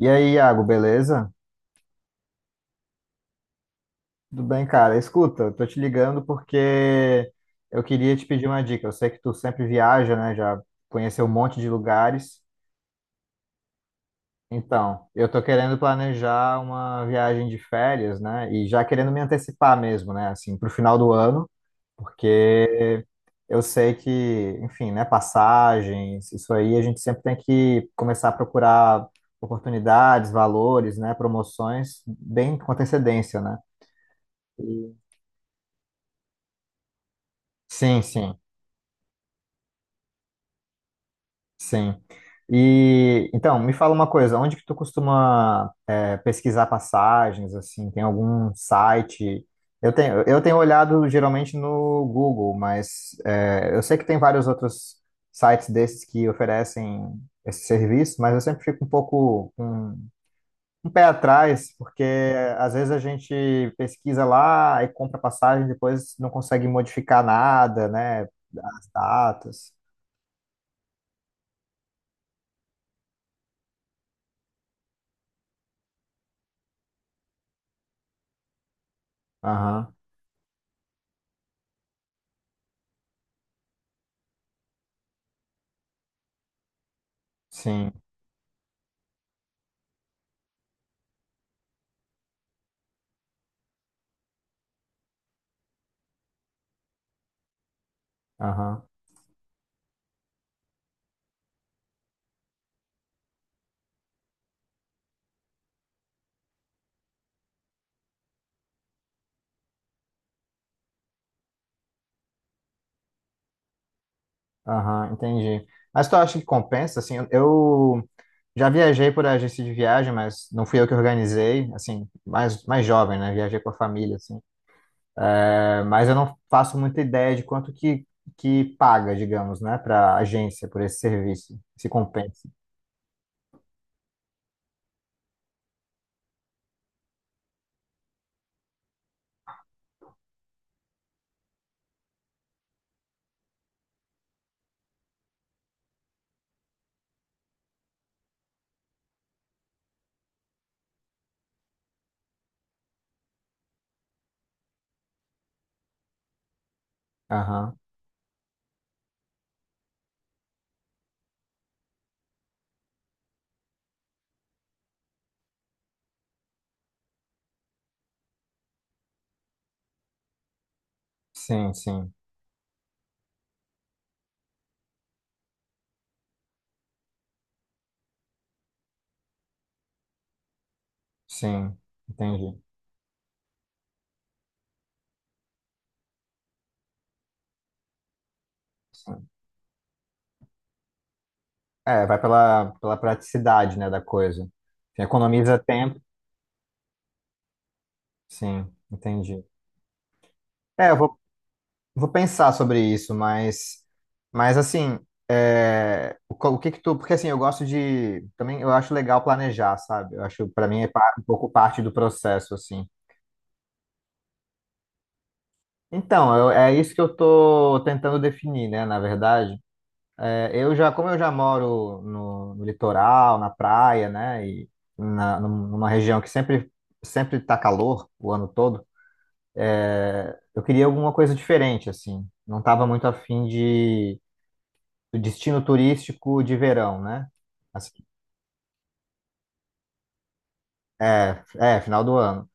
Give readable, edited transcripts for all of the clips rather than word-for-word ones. E aí, Iago, beleza? Tudo bem, cara? Escuta, eu tô te ligando porque eu queria te pedir uma dica. Eu sei que tu sempre viaja, né? Já conheceu um monte de lugares. Então, eu tô querendo planejar uma viagem de férias, né? E já querendo me antecipar mesmo, né? Assim, pro final do ano, porque eu sei que, enfim, né? Passagens, isso aí a gente sempre tem que começar a procurar oportunidades, valores, né? Promoções bem com antecedência, né? Sim, sim, sim. E então, me fala uma coisa, onde que tu costuma pesquisar passagens, assim, tem algum site? Eu tenho olhado geralmente no Google, mas eu sei que tem vários outros sites desses que oferecem esse serviço, mas eu sempre fico um pouco com um pé atrás, porque às vezes a gente pesquisa lá e compra passagem, depois não consegue modificar nada, né? As datas. Aham. Sim, aham, aham, entendi. Mas tu acha que compensa, assim, eu já viajei por agência de viagem, mas não fui eu que organizei, assim, mais jovem, né, viajei com a família, assim. É, mas eu não faço muita ideia de quanto que paga, digamos, né, para agência por esse serviço, se compensa. Aham. Sim, sim, sim, entendi. Sim. É, vai pela, pela praticidade, né, da coisa. Economiza tempo, sim, entendi. É, eu vou vou pensar sobre isso, mas assim, o que que tu, porque assim, eu gosto de, também eu acho legal planejar, sabe? Eu acho, para mim, é um pouco parte do processo, assim. Então, é isso que eu tô tentando definir, né, na verdade. É, eu já, como eu já moro no, no litoral, na praia, né, e na, numa região que sempre, sempre tá calor o ano todo, é, eu queria alguma coisa diferente, assim. Não tava muito afim do destino turístico de verão, né? Assim, é, é, final do ano.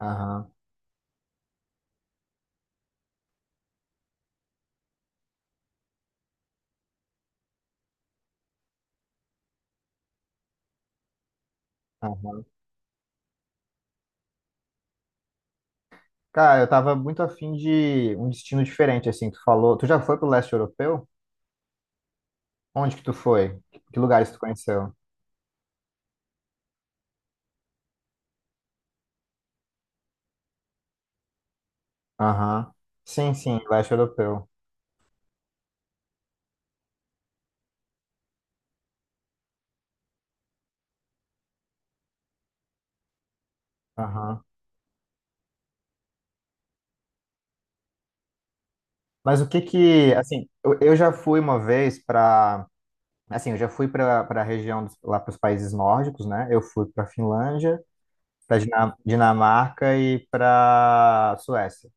Aham, aham. Cara, eu tava muito afim de um destino diferente, assim, tu falou. Tu já foi pro leste europeu? Onde que tu foi? Que lugares tu conheceu? Aham. Sim, sim, leste europeu. Aham. Mas o que que, assim, eu já fui uma vez para, assim, eu já fui para a região dos, lá para os países nórdicos, né? Eu fui para Finlândia, para Dinamarca e para Suécia.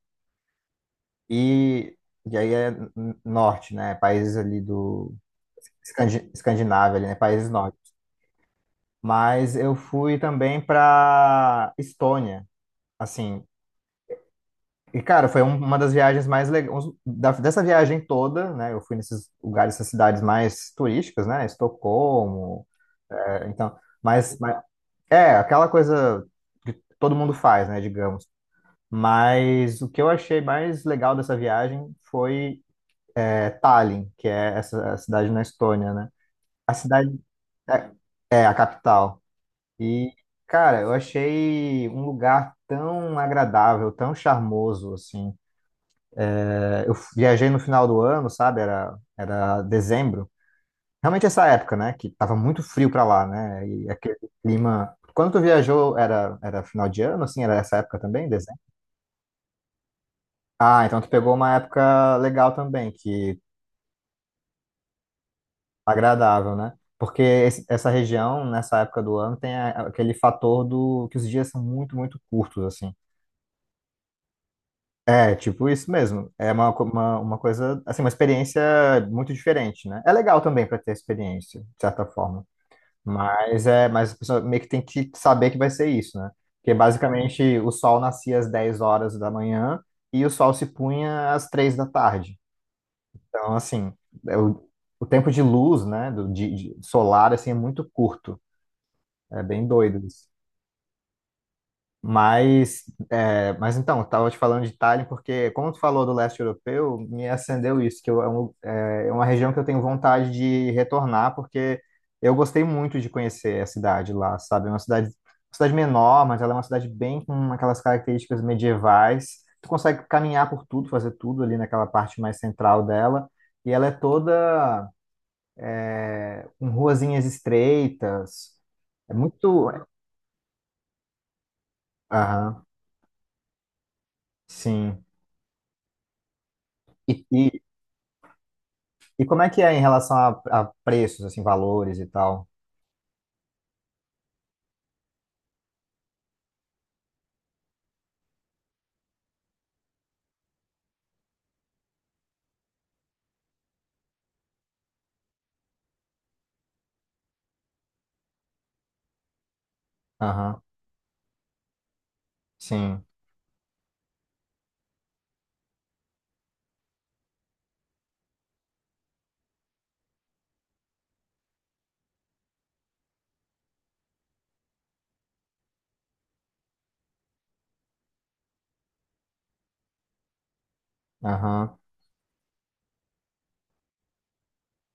E, e aí é norte, né? Países ali do Escandinávia, ali, né? Países nórdicos. Mas eu fui também para Estônia, assim. E, cara, foi uma das viagens mais legais. Dessa viagem toda, né? Eu fui nesses lugares, essas cidades mais turísticas, né? Estocolmo. É, então, mas é aquela coisa todo mundo faz, né? Digamos. Mas o que eu achei mais legal dessa viagem foi Tallinn, que é essa a cidade na Estônia, né? A cidade é, é a capital. E, cara, eu achei um lugar tão agradável, tão charmoso, assim. É, eu viajei no final do ano, sabe? Era, era dezembro. Realmente essa época, né? Que tava muito frio pra lá, né? E aquele clima. Quando tu viajou, era, era final de ano, assim? Era essa época também, dezembro? Ah, então tu pegou uma época legal também, que agradável, né? Porque essa região, nessa época do ano, tem aquele fator do que os dias são muito, muito curtos, assim. É tipo isso mesmo. É uma, uma coisa, assim, uma experiência muito diferente, né? É legal também para ter experiência, de certa forma. Mas é, mas a pessoa meio que tem que saber que vai ser isso, né? Porque basicamente o sol nascia às 10 horas da manhã e o sol se punha às 3 da tarde. Então, assim, é o, o tempo de luz, né, do, de solar, assim, é muito curto. É bem doido isso. Mas, é, mas então, eu estava te falando de Tallinn porque, como tu falou do leste europeu, me acendeu isso, que eu, é, é uma região que eu tenho vontade de retornar, porque eu gostei muito de conhecer a cidade lá, sabe? É uma cidade menor, mas ela é uma cidade bem com aquelas características medievais. Tu consegue caminhar por tudo, fazer tudo ali naquela parte mais central dela, e ela é toda é, com ruazinhas estreitas. É muito. Aham, sim. E, e- E como é que é em relação a preços, assim, valores e tal? Aham, sim, aham,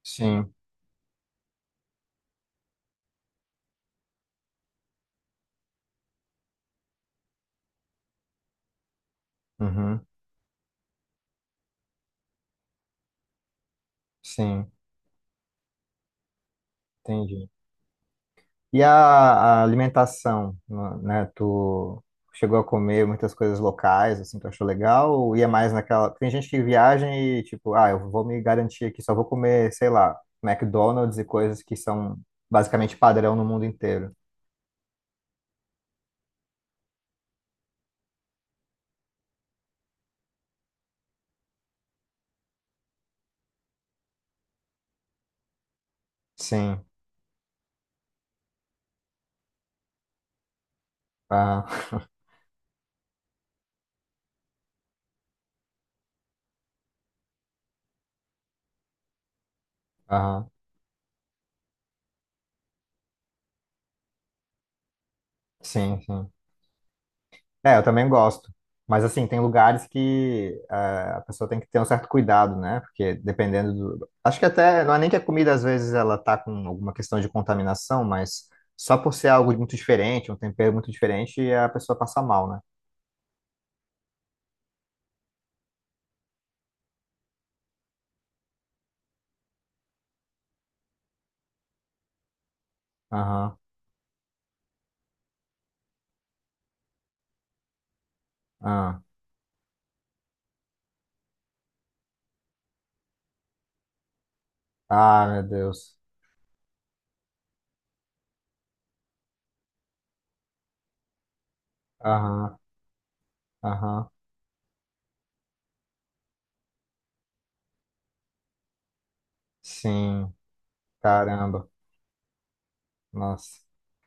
sim, uhum, sim, entendi. E a alimentação, né? Né, tu chegou a comer muitas coisas locais, assim, tu achou legal? Ou ia mais naquela... Tem gente que viaja e, tipo, ah, eu vou me garantir aqui, só vou comer, sei lá, McDonald's e coisas que são basicamente padrão no mundo inteiro. Sim, aham, aham, sim, sim. É, eu também gosto. Mas, assim, tem lugares que a pessoa tem que ter um certo cuidado, né? Porque dependendo do. Acho que até. Não é nem que a comida, às vezes, ela tá com alguma questão de contaminação, mas só por ser algo muito diferente, um tempero muito diferente, é a pessoa passa mal, né? Aham. Aham. Ah, meu Deus. Aham. Aham. Sim. Caramba. Nossa.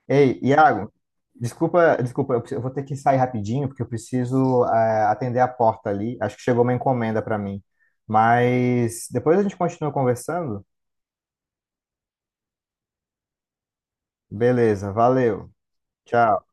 Ei, Iago, desculpa, desculpa, eu vou ter que sair rapidinho, porque eu preciso, atender a porta ali. Acho que chegou uma encomenda para mim. Mas depois a gente continua conversando. Beleza, valeu. Tchau.